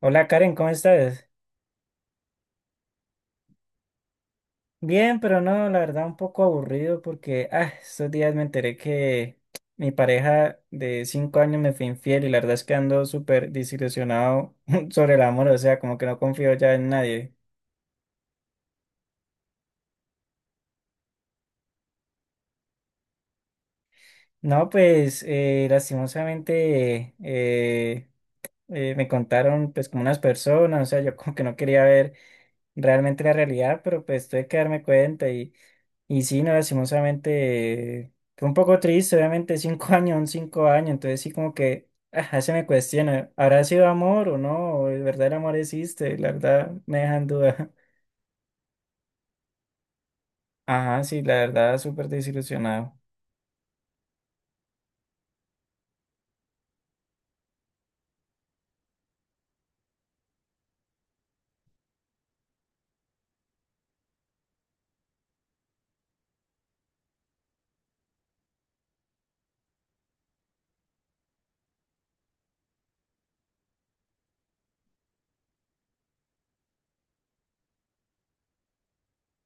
Hola Karen, ¿cómo estás? Bien, pero no, la verdad un poco aburrido porque estos días me enteré que mi pareja de 5 años me fue infiel y la verdad es que ando súper desilusionado sobre el amor, o sea, como que no confío ya en nadie. No, pues lastimosamente me contaron pues como unas personas, o sea, yo como que no quería ver realmente la realidad, pero pues tuve que darme cuenta. Y sí, no, lastimosamente fue un poco triste, obviamente 5 años, son 5 años, entonces sí como que se me cuestiona, ¿habrá sido amor o no? ¿O ¿De verdad el amor existe? La verdad me dejan duda. Ajá, sí, la verdad súper desilusionado.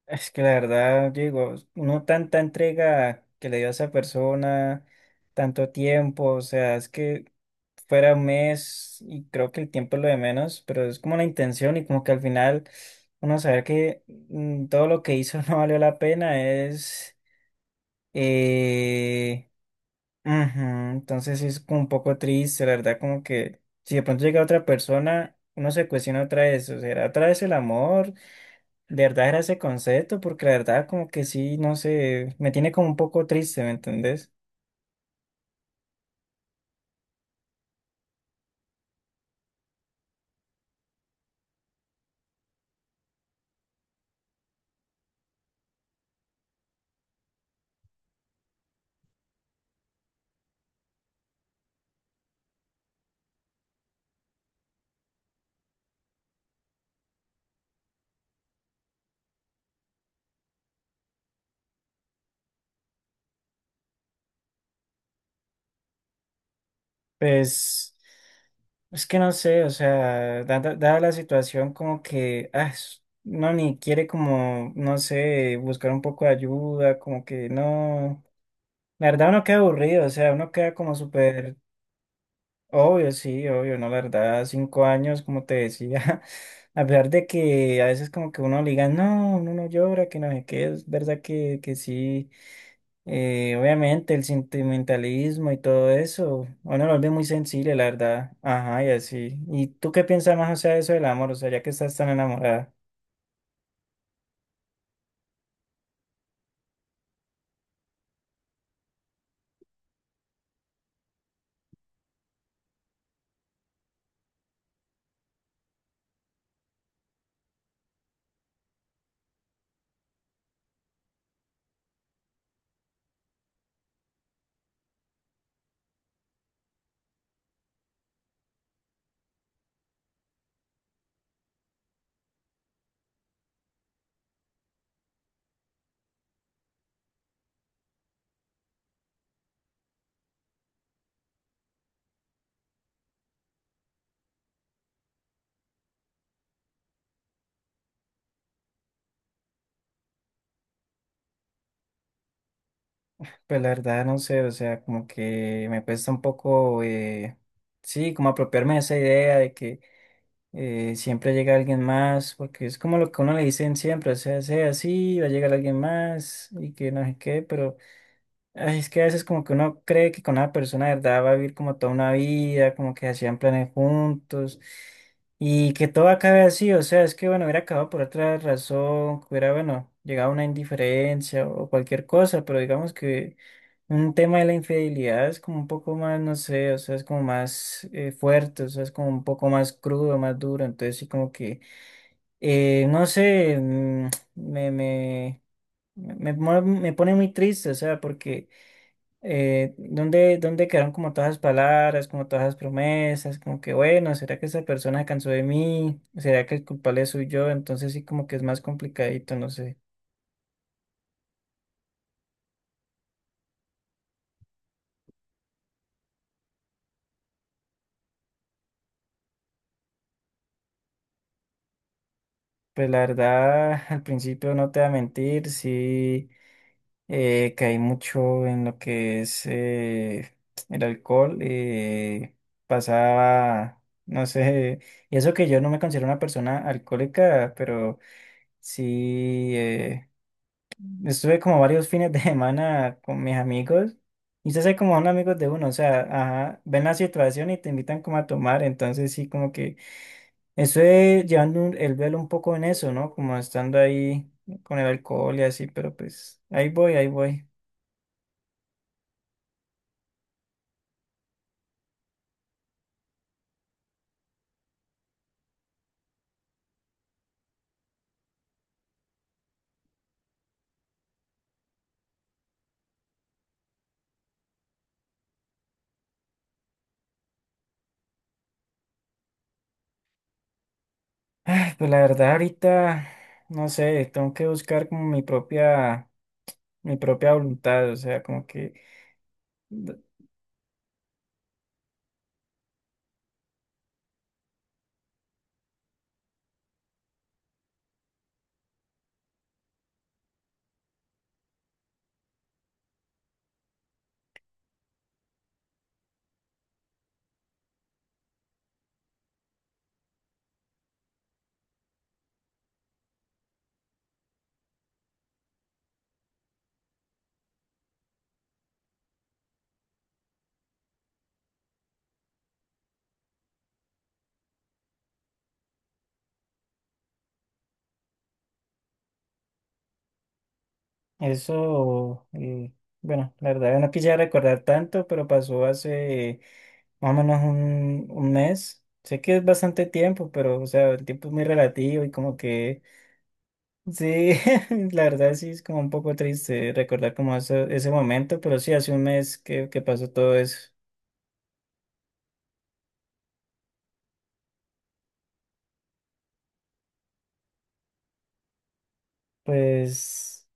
Es que la verdad, digo, uno tanta entrega que le dio a esa persona, tanto tiempo, o sea, es que fuera 1 mes y creo que el tiempo es lo de menos, pero es como la intención y como que al final uno saber que todo lo que hizo no valió la pena es... eh, ujú. Entonces sí es como un poco triste, la verdad, como que si de pronto llega otra persona, uno se cuestiona otra vez, o sea, otra vez el amor, de verdad era ese concepto, porque la verdad como que sí, no sé, me tiene como un poco triste, ¿me entendés? Pues es que no sé, o sea, dada la situación como que, es- no, ni quiere como, no sé, buscar un poco de ayuda, como que no, la verdad uno queda aburrido, o sea, uno queda como súper, obvio, sí, obvio, no, la verdad, 5 años, como te decía, a pesar de que a veces como que uno le diga, no, uno no llora, que no sé qué, es verdad que sí. Obviamente el sentimentalismo y todo eso, bueno, lo vuelve muy sensible, la verdad. Ajá, y así. ¿Y tú qué piensas más, o sea, de eso del amor? O sea, ya que estás tan enamorada. Pues la verdad, no sé, o sea, como que me cuesta un poco, sí, como apropiarme de esa idea de que siempre llega alguien más, porque es como lo que a uno le dicen siempre, o sea, sea así, va a llegar alguien más y que no sé qué, pero... Ay, es que a veces como que uno cree que con una persona de verdad va a vivir como toda una vida, como que hacían planes juntos y que todo acabe así, o sea, es que bueno, hubiera acabado por otra razón, que hubiera, bueno, llegado a una indiferencia o cualquier cosa, pero digamos que un tema de la infidelidad es como un poco más, no sé, o sea, es como más fuerte, o sea, es como un poco más crudo, más duro, entonces sí como que, no sé, me, me, me pone muy triste, o sea, porque ¿dónde quedaron como todas las palabras, como todas las promesas? Como que, bueno, ¿será que esa persona se cansó de mí? ¿Será que el culpable soy yo? Entonces sí como que es más complicadito, no sé. Pues la verdad, al principio no te voy a mentir, sí caí mucho en lo que es el alcohol. Pasaba, no sé, y eso que yo no me considero una persona alcohólica, pero sí... Estuve como varios fines de semana con mis amigos y se hace como son amigos de uno, o sea, ajá, ven la situación y te invitan como a tomar, entonces sí, como que estuve llevando un- el velo un poco en eso, ¿no? Como estando ahí con el alcohol y así, pero pues ahí voy, ahí voy. Ay, pues la verdad ahorita, no sé, tengo que buscar como mi propia voluntad, o sea, como que eso, bueno, la verdad no quisiera recordar tanto, pero pasó hace... más o menos un mes. Sé que es bastante tiempo, pero, o sea, el tiempo es muy relativo y como que, sí, la verdad sí es como un poco triste recordar como ese momento, pero sí, hace 1 mes que pasó todo eso. Pues,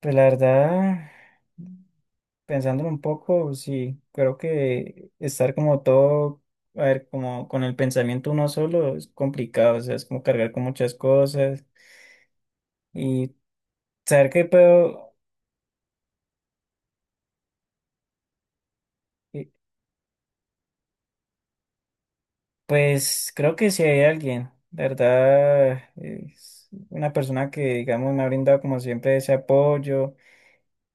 pues la verdad, pensándolo un poco, sí, creo que estar como todo, a ver, como con el pensamiento uno solo es complicado, o sea, es como cargar con muchas cosas y saber que puedo... eh, Pues creo que si hay alguien, de verdad, es una persona que, digamos, me ha brindado como siempre ese apoyo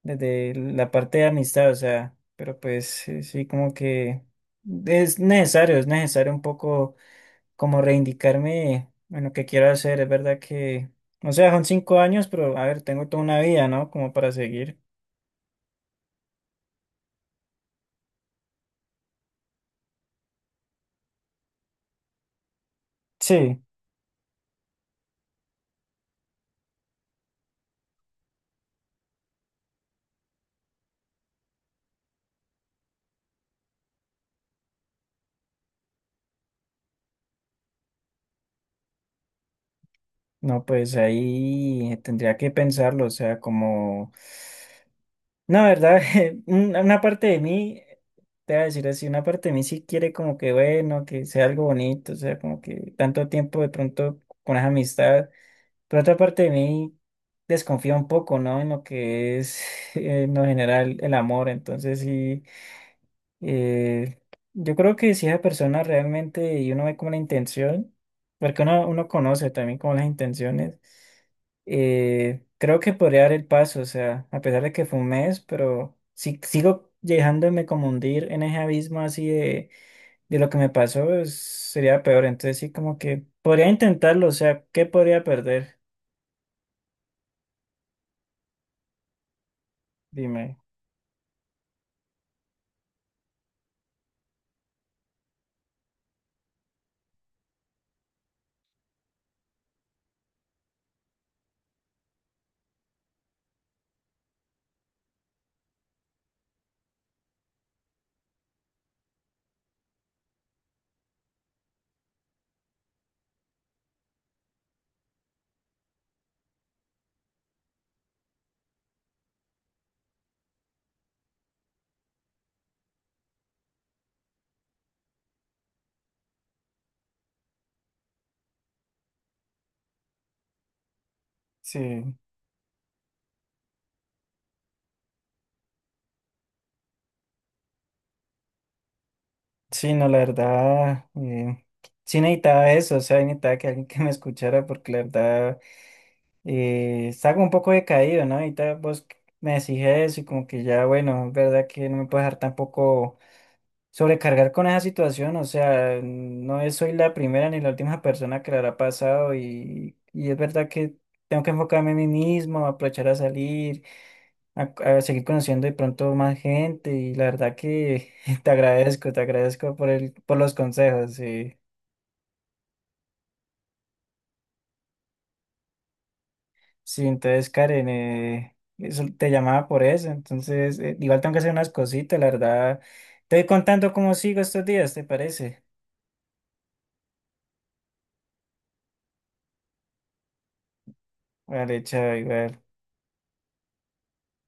desde la parte de amistad, o sea, pero pues sí, sí, como que es necesario un poco como reivindicarme en lo que quiero hacer, es verdad que, o sea, son 5 años, pero a ver, tengo toda una vida, ¿no? Como para seguir. Sí, no, pues ahí tendría que pensarlo, o sea, como... No, verdad, una parte de mí, te voy a decir así, una parte de mí sí quiere como que bueno, que sea algo bonito, o sea, como que tanto tiempo de pronto con esa amistad, pero otra parte de mí desconfía un poco, ¿no? En lo que es en lo general el amor, entonces sí. Eh, yo creo que si esa persona realmente y uno ve como la intención, porque uno conoce también como las intenciones, creo que podría dar el paso, o sea, a pesar de que fue 1 mes, pero si sigo dejándome como hundir en ese abismo así de lo que me pasó, es- sería peor. Entonces sí, como que podría intentarlo, o sea, ¿qué podría perder? Dime. Sí, sí, no, la verdad, sí necesitaba eso, o sea, necesitaba que alguien que me escuchara porque la verdad... Está como un poco decaído, ¿no? Ahorita vos me decís eso y como que ya, bueno, es verdad que no me puedo dejar tampoco sobrecargar con esa situación, o sea, no es- soy la primera ni la última persona que le habrá pasado y es verdad que tengo que enfocarme en mí mismo, aprovechar a salir, a, a seguir conociendo de pronto más gente y la verdad que te agradezco por el, por los consejos, sí. Sí, entonces Karen, eso- te llamaba por eso, entonces igual tengo que hacer unas cositas, la verdad. Te voy contando cómo sigo estos días, ¿te parece? Vale, chao, igual.